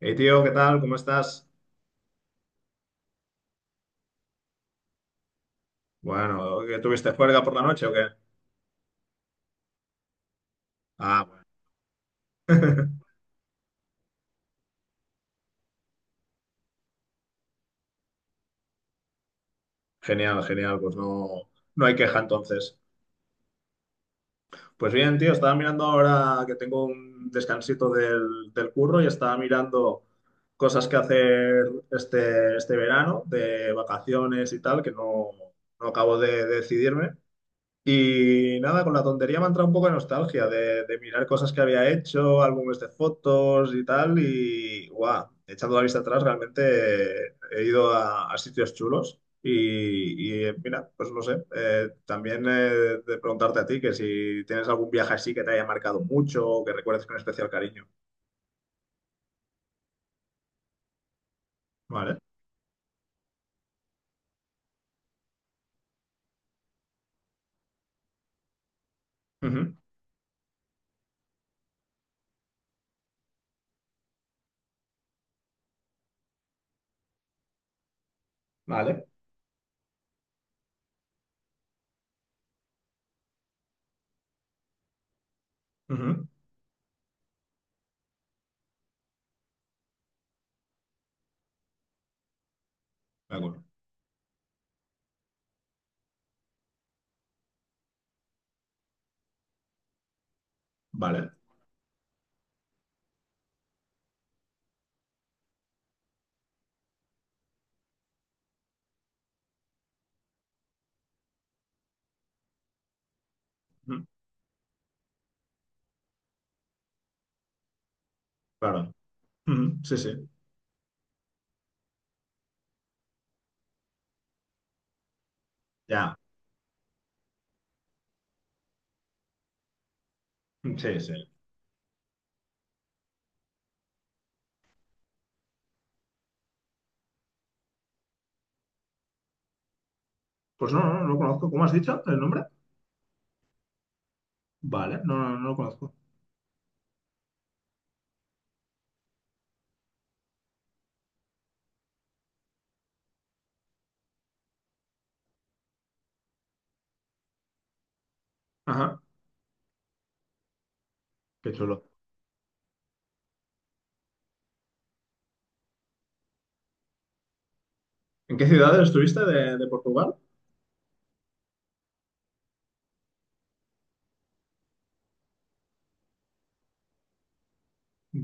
Hey tío, ¿qué tal? ¿Cómo estás? Bueno, ¿que tuviste juerga por la noche o qué? Ah, bueno. Genial, genial, pues no, no hay queja entonces. Pues bien, tío, estaba mirando ahora que tengo un descansito del curro y estaba mirando cosas que hacer este verano de vacaciones y tal, que no, no acabo de decidirme. Y nada, con la tontería me ha entrado un poco de nostalgia de mirar cosas que había hecho, álbumes de fotos y tal. Y guau, echando la vista atrás, realmente he ido a sitios chulos. Mira, pues no sé, también de preguntarte a ti que si tienes algún viaje así que te haya marcado mucho o que recuerdes con especial cariño. Vale. Ujú. Vale. Ujú. De acuerdo. Vale. Ujú. Claro. Ujú. Sí, sí. Ya. Sí, sí. Pues no, no, no lo conozco. ¿Cómo has dicho el nombre? Vale, no, no, no lo conozco. Ajá, qué chulo. ¿En qué ciudades estuviste de Portugal?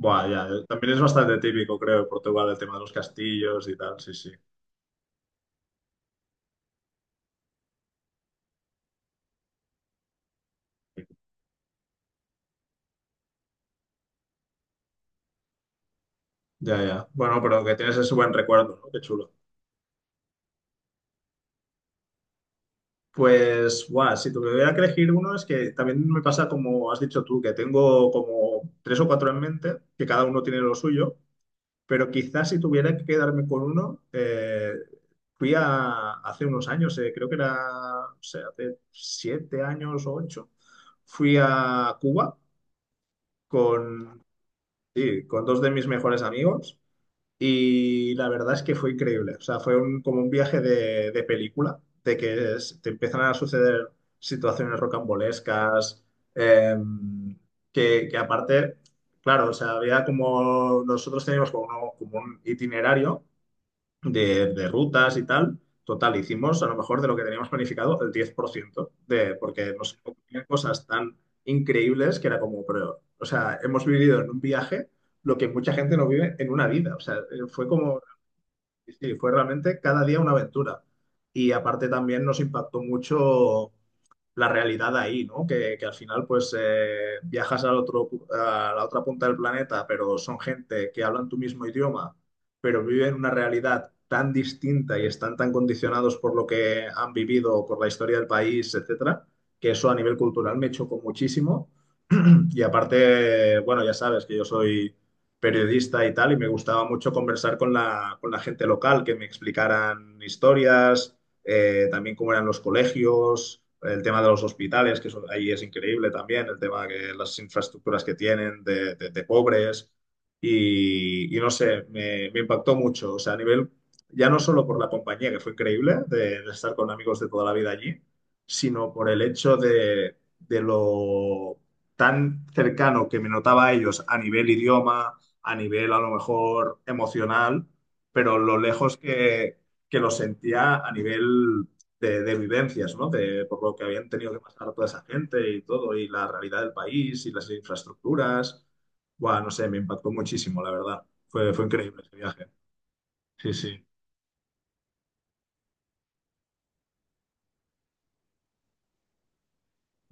Buah, ya, también es bastante típico, creo, de Portugal, el tema de los castillos y tal, sí, sí. Ya, ya. Bueno, pero que tienes ese buen recuerdo, ¿no? Qué chulo. Pues, guau, si tuviera que elegir uno, es que también me pasa como has dicho tú, que tengo como tres o cuatro en mente, que cada uno tiene lo suyo. Pero quizás si tuviera que quedarme con uno, fui a, hace unos años, creo que era, no sé, hace siete años o ocho, fui a Cuba con, sí, con dos de mis mejores amigos y la verdad es que fue increíble. O sea, fue como un viaje de película, de que te empiezan a suceder situaciones rocambolescas, em, que aparte, claro, o sea, había como, nosotros teníamos como, como un itinerario de rutas y tal. Total, hicimos a lo mejor de lo que teníamos planificado el 10% de, porque nos ocurrían cosas tan increíbles que era como, pero, o sea, hemos vivido en un viaje lo que mucha gente no vive en una vida. O sea, fue como sí, sí, fue realmente cada día una aventura. Y aparte también nos impactó mucho la realidad ahí, ¿no? Que al final pues viajas al otro, a la otra punta del planeta, pero son gente que hablan tu mismo idioma, pero viven una realidad tan distinta y están tan condicionados por lo que han vivido, por la historia del país, etcétera, que eso a nivel cultural me chocó muchísimo. Y aparte, bueno, ya sabes que yo soy periodista y tal, y me gustaba mucho conversar con la gente local, que me explicaran historias, también cómo eran los colegios, el tema de los hospitales, que eso ahí es increíble también, el tema que las infraestructuras que tienen de, de pobres, y no sé, me impactó mucho, o sea, a nivel, ya no solo por la compañía, que fue increíble, de estar con amigos de toda la vida allí, sino por el hecho de lo tan cercano que me notaba a ellos a nivel idioma, a nivel a lo mejor emocional, pero lo lejos que lo sentía a nivel de vivencias, ¿no? De, por lo que habían tenido que pasar toda esa gente y todo, y la realidad del país y las infraestructuras. Bueno, no sé, me impactó muchísimo, la verdad. Fue, fue increíble ese viaje. Sí, sí.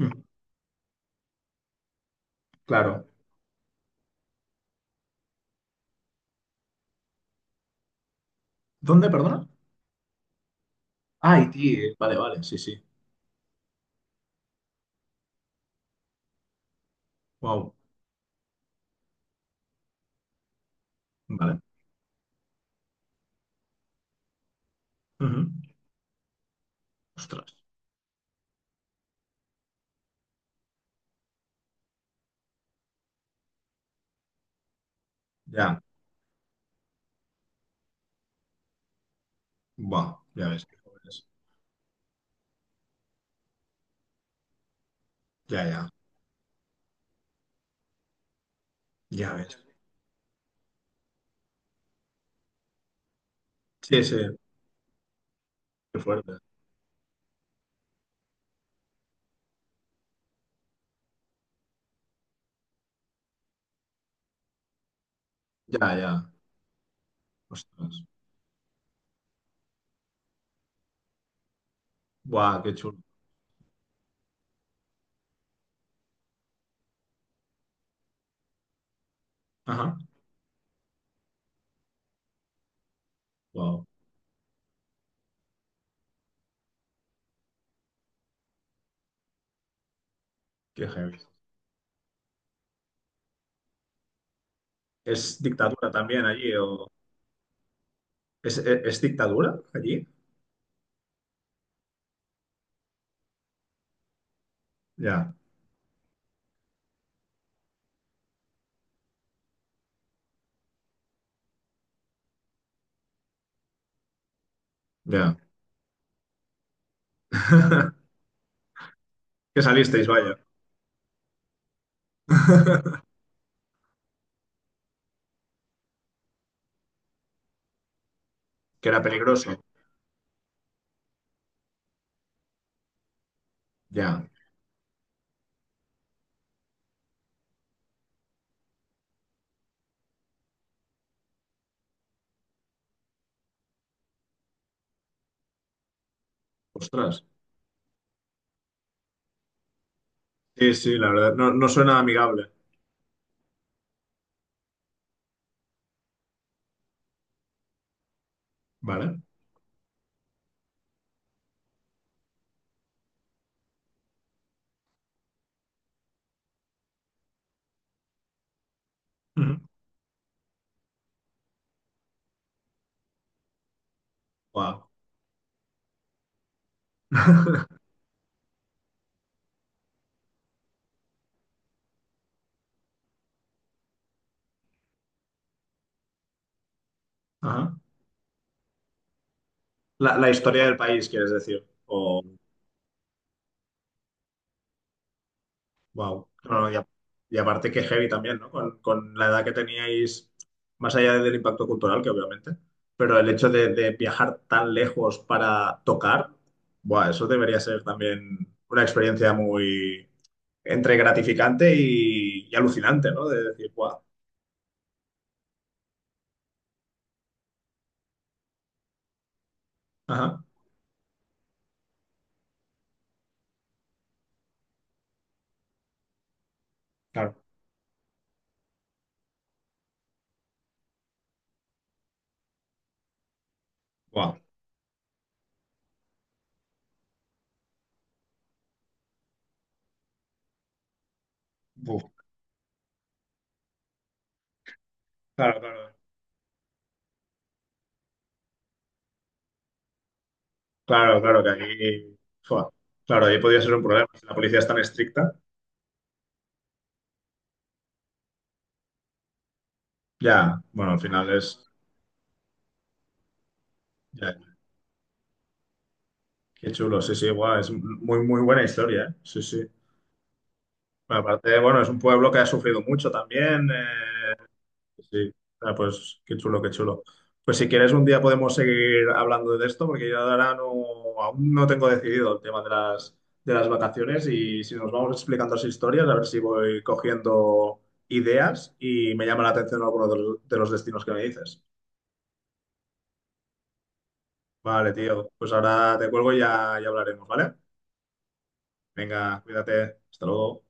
Mm, claro. ¿Dónde, perdona? Ah, Haití. Vale, vale, sí, sí. Wow. Vale. Ujú. Ostras. Ya. Wow. Ya ves. Qué jóvenes. Ya, ya. Ya ves. Sí, sí. Qué fuerte. Ya, ya. Ostras. Buah, qué chulo. Ajá. Wow, qué heavy. ¿Es dictadura también allí o es, es dictadura allí? Ya, ya. Que salisteis, vaya. Que era peligroso. Ya. Ostras. Sí, sí, la verdad. No, no suena amigable. Vale. Ujú. Guau. Ajá. La historia del país, quieres decir. Wow. Mm. Y aparte que heavy también, ¿no? Con la edad que teníais, más allá del impacto cultural, que obviamente, pero el hecho de viajar tan lejos para tocar, buah, eso debería ser también una experiencia muy entre gratificante y alucinante, ¿no? De decir, wow, ajá, claro, wow, claro, claro, claro, claro, que ahí, buah, claro, ahí podría ser un problema. Si la policía es tan estricta, ya, bueno, al final es... Qué chulo, sí, sí, guau, es muy, muy buena historia, ¿eh? Sí, sí. Bueno, aparte, bueno, es un pueblo que ha sufrido mucho también. Sí, ah, pues qué chulo, qué chulo. Pues si quieres, un día podemos seguir hablando de esto, porque yo ahora no, aún no tengo decidido el tema de las vacaciones y si nos vamos explicando las historias, a ver si voy cogiendo ideas y me llama la atención alguno de los destinos que me dices. Vale, tío, pues ahora te cuelgo y ya, ya hablaremos, ¿vale? Venga, cuídate, hasta luego.